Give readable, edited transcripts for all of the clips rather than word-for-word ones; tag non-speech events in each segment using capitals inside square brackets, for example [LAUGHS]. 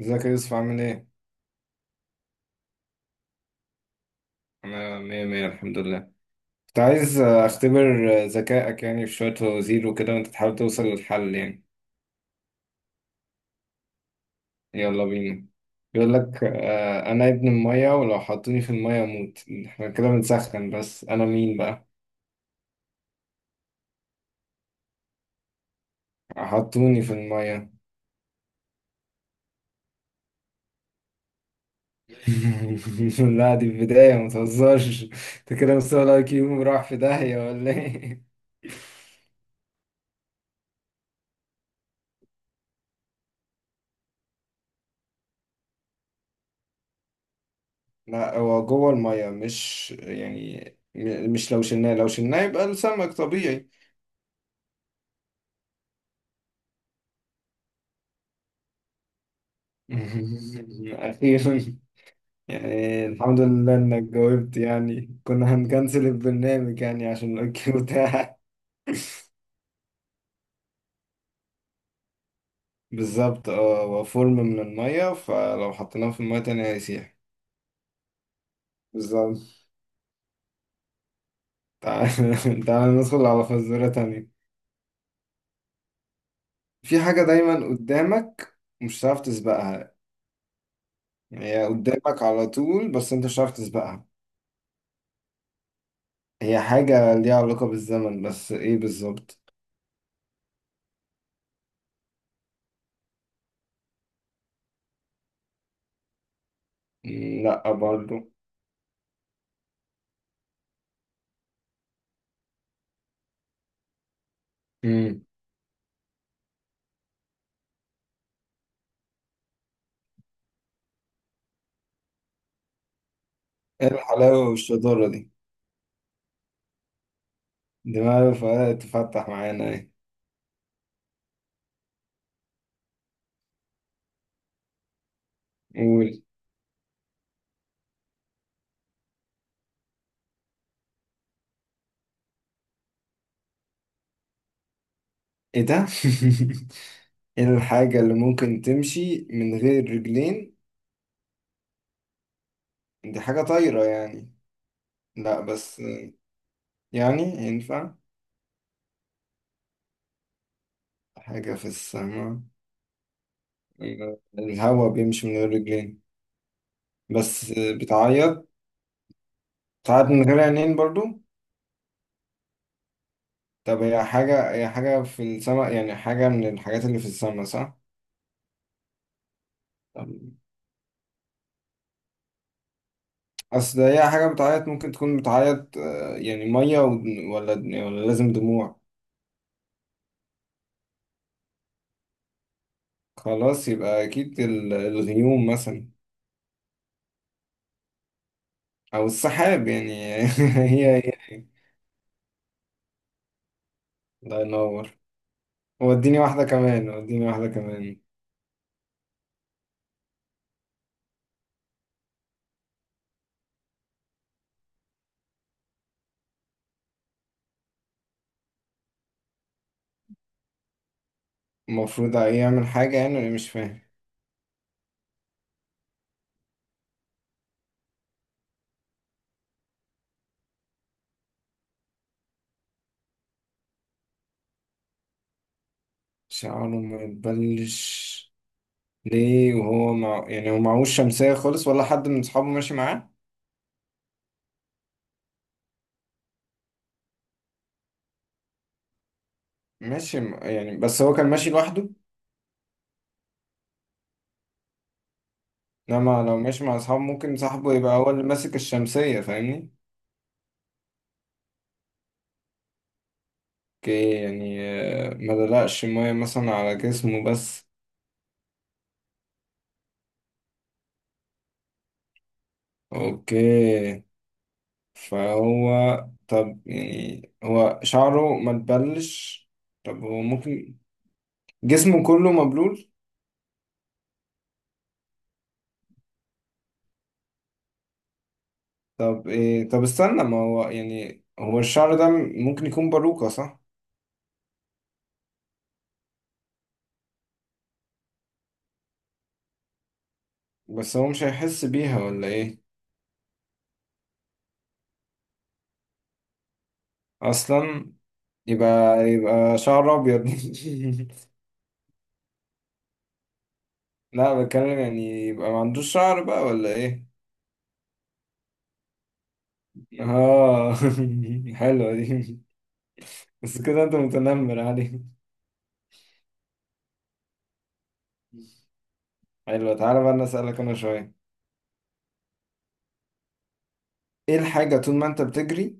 ازيك يا يوسف، عامل ايه؟ انا مية مية الحمد لله. كنت عايز اختبر ذكائك، يعني في شوية فوازير وكده وانت تحاول توصل للحل يعني. يلا بينا. بيقول لك انا ابن المية، ولو حطوني في المية اموت. احنا كده بنسخن، بس انا مين بقى؟ حطوني في المية. [LAUGHS] لا دي البداية، متهزرش. انت كده مستوى الاي كيو راح في داهية ولا ايه؟ لا، هو جوه المية مش يعني. مش لو شلناه يبقى السمك طبيعي. [LAUGHS] أخيرا. يعني الحمد لله إنك جاوبت، يعني كنا هنكنسل البرنامج يعني عشان الأوكي بتاعك. [LAUGHS] بالظبط، اه، هو فورم من المية، فلو حطيناه في المية تانية هيسيح. بالظبط. تعال. [LAUGHS] تعال ندخل على فزورة تانية. في حاجة دايما قدامك مش هتعرف تسبقها. يعني هي قدامك على طول بس أنت مش هتعرف تسبقها. هي حاجة ليها علاقة بالزمن، بس إيه بالظبط؟ لأ برضه. مم. إيه الحلاوة والشطارة دي؟ دماغه فقط تفتح معانا ايه. قول. ايه ده؟ [LAUGHS] ايه الحاجة اللي ممكن تمشي من غير رجلين؟ دي حاجة طايرة يعني. لا بس. يعني ينفع. حاجة في السماء. الهوا بيمشي من غير رجلين. بس بتعيط. بتعيط من غير عينين برضو. طب هي حاجة، في السماء، يعني حاجة من الحاجات اللي في السماء، صح؟ طب أصل هي حاجة بتعيط، ممكن تكون بتعيط يعني مية، ولا، ولا لازم دموع. خلاص، يبقى أكيد الغيوم مثلا. أو السحاب يعني. [LAUGHS] هي هي هي. الله ينور. وديني واحدة كمان وديني واحدة كمان. المفروض ايه يعمل حاجة يعني؟ أنا مش فاهم. شعره ما يتبلش. ليه وهو مع... يعني هو معهوش شمسية خالص، ولا حد من أصحابه ماشي معاه. ماشي، يعني بس هو كان ماشي لوحده. إنما لو ماشي مع أصحابه ممكن صاحبه يبقى هو اللي ماسك الشمسية، فاهمني؟ اوكي، يعني ما دلقش مية مثلا على جسمه بس. اوكي. فهو، طب يعني هو شعره ما تبلش. طب هو ممكن. جسمه كله مبلول. طب إيه؟ طب استنى، ما هو يعني هو الشعر ده ممكن يكون باروكة، صح؟ بس هو مش هيحس بيها ولا ايه؟ اصلا يبقى شعر ابيض. [LAUGHS] لا، بتكلم يعني يبقى ما عندوش شعر بقى ولا ايه؟ اه. [LAUGHS] حلوة دي. بس كده انت متنمر عليه. حلوة. تعالى بقى انا اسألك انا شوية. ايه الحاجة طول ما انت بتجري،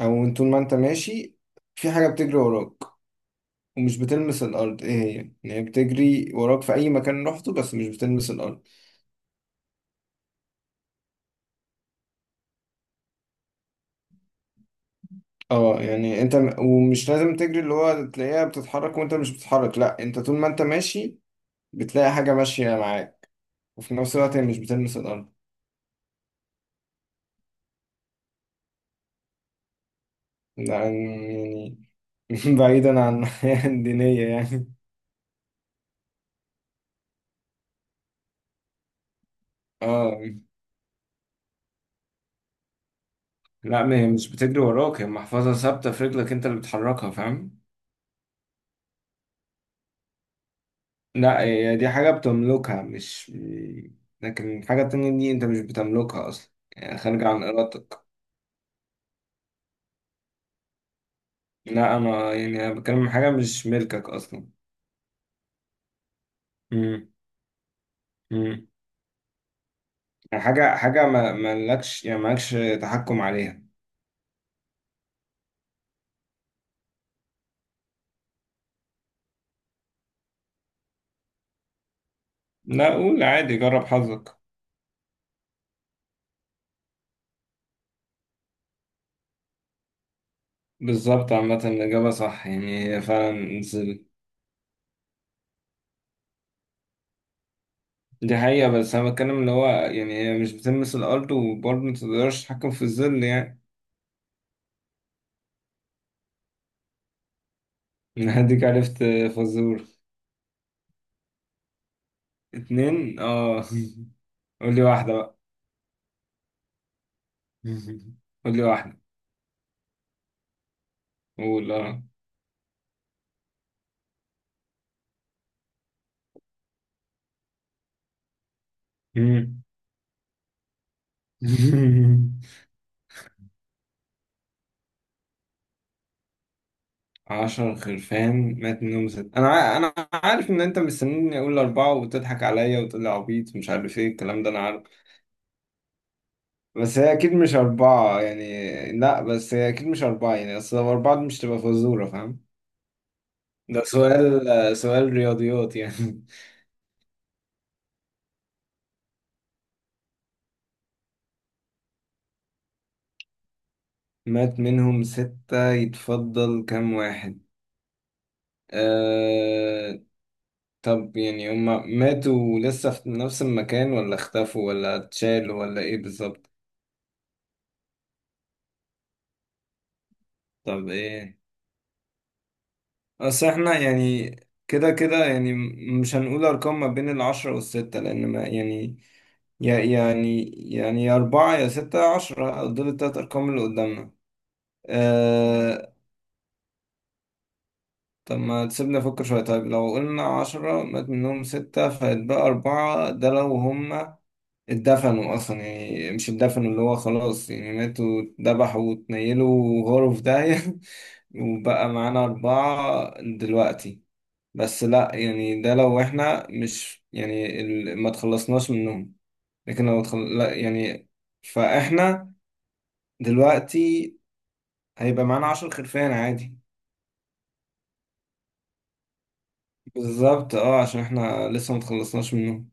او طول ما انت ماشي، في حاجة بتجري وراك ومش بتلمس الارض، ايه هي؟ يعني هي بتجري وراك في اي مكان رحته بس مش بتلمس الارض. اه يعني انت ومش لازم تجري، اللي هو تلاقيها بتتحرك وانت مش بتتحرك، لا، انت طول ما انت ماشي بتلاقي حاجة ماشية معاك، وفي نفس الوقت هي مش بتلمس الارض. ده يعني؟ [LAUGHS] بعيدا عن الحياة الدينية يعني. اه لا، ما هي مش بتجري وراك، هي محفظة ثابتة في رجلك، انت اللي بتحركها، فاهم؟ لا، هي دي حاجة بتملكها مش. لكن حاجة تانية دي انت مش بتملكها اصلا، يعني خارجة عن ارادتك. لا، انا يعني انا بتكلم عن حاجة مش ملكك اصلا. امم. امم. يعني حاجة ما مالكش، يعني مالكش تحكم عليها. لا قول عادي، جرب حظك. بالظبط، عامة الإجابة صح، يعني هي فعلا الظل. دي حقيقة، بس أنا بتكلم اللي هو يعني هي مش بتلمس الأرض وبرضه متقدرش تتحكم في الظل يعني. [LAUGHS] هديك عرفت. فزور. 2 اه. [LAUGHS] قول لي واحدة بقى. [LAUGHS] قول لي واحدة. قول. اه. مم. [LAUGHS] 10 خرفان مات منهم ست، أنا أنا عارف إن أنت مستنيني أقول أربعة وتضحك عليا وتقول لي عبيط مش عارف إيه الكلام ده. أنا عارف. بس هي أكيد مش أربعة يعني. لا بس هي أكيد مش أربعة يعني، أصل لو أربعة دي مش تبقى فزورة، فاهم؟ ده سؤال رياضيات يعني. [LAUGHS] مات منهم ستة يتفضل كام واحد؟ آه، طب يعني هما ماتوا لسه في نفس المكان، ولا اختفوا ولا اتشالوا، ولا ايه بالظبط؟ طب ايه؟ اصل احنا يعني كده كده يعني مش هنقول ارقام ما بين العشرة والستة لان ما يعني، يا يعني يعني يا اربعة يا ستة يا عشرة، دول التلات ارقام اللي قدامنا. آه، طب ما تسيبنا نفكر شوية. طيب لو قلنا عشرة مات منهم ستة فيتبقى أربعة، ده لو هما اتدفنوا أصلا، يعني مش اتدفنوا اللي هو خلاص يعني ماتوا اتذبحوا واتنيلوا غرف داهية. [LAUGHS] وبقى معانا أربعة دلوقتي. بس لأ، يعني ده لو إحنا مش يعني ما تخلصناش منهم. لكن لو لأ يعني. فإحنا دلوقتي هيبقى معانا 10 خرفان عادي. بالظبط اه، عشان احنا لسه ما تخلصناش منهم.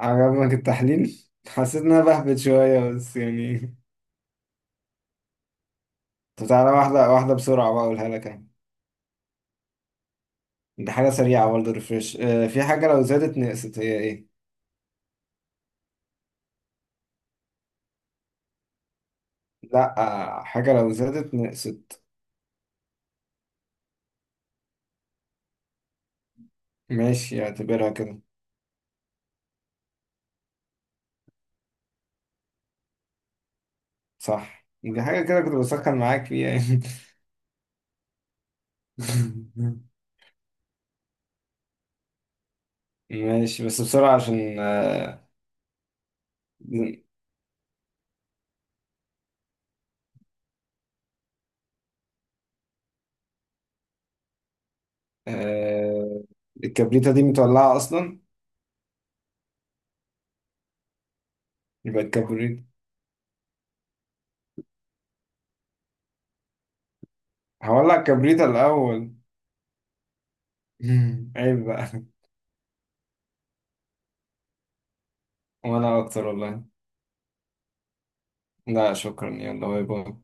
عجبك التحليل، حسيت ان انا بهبت شويه بس يعني. طب تعالى واحده واحده بسرعه بقى اقولها لك انا. دي حاجه سريعه برضه، ريفرش. في حاجه لو زادت نقصت، هي ايه؟ لا. حاجه لو زادت نقصت. ماشي اعتبرها كده. صح، دي حاجه كده كنت بسخن معاك فيها يعني. [LAUGHS] ماشي بس بسرعه عشان آه، الكبريتة دي متولعة أصلا. يبقى الكبريت. هولع الكبريتة الأول. [LAUGHS] عيب بقى. وأنا أكتر والله. لا شكرا، يلا باي باي.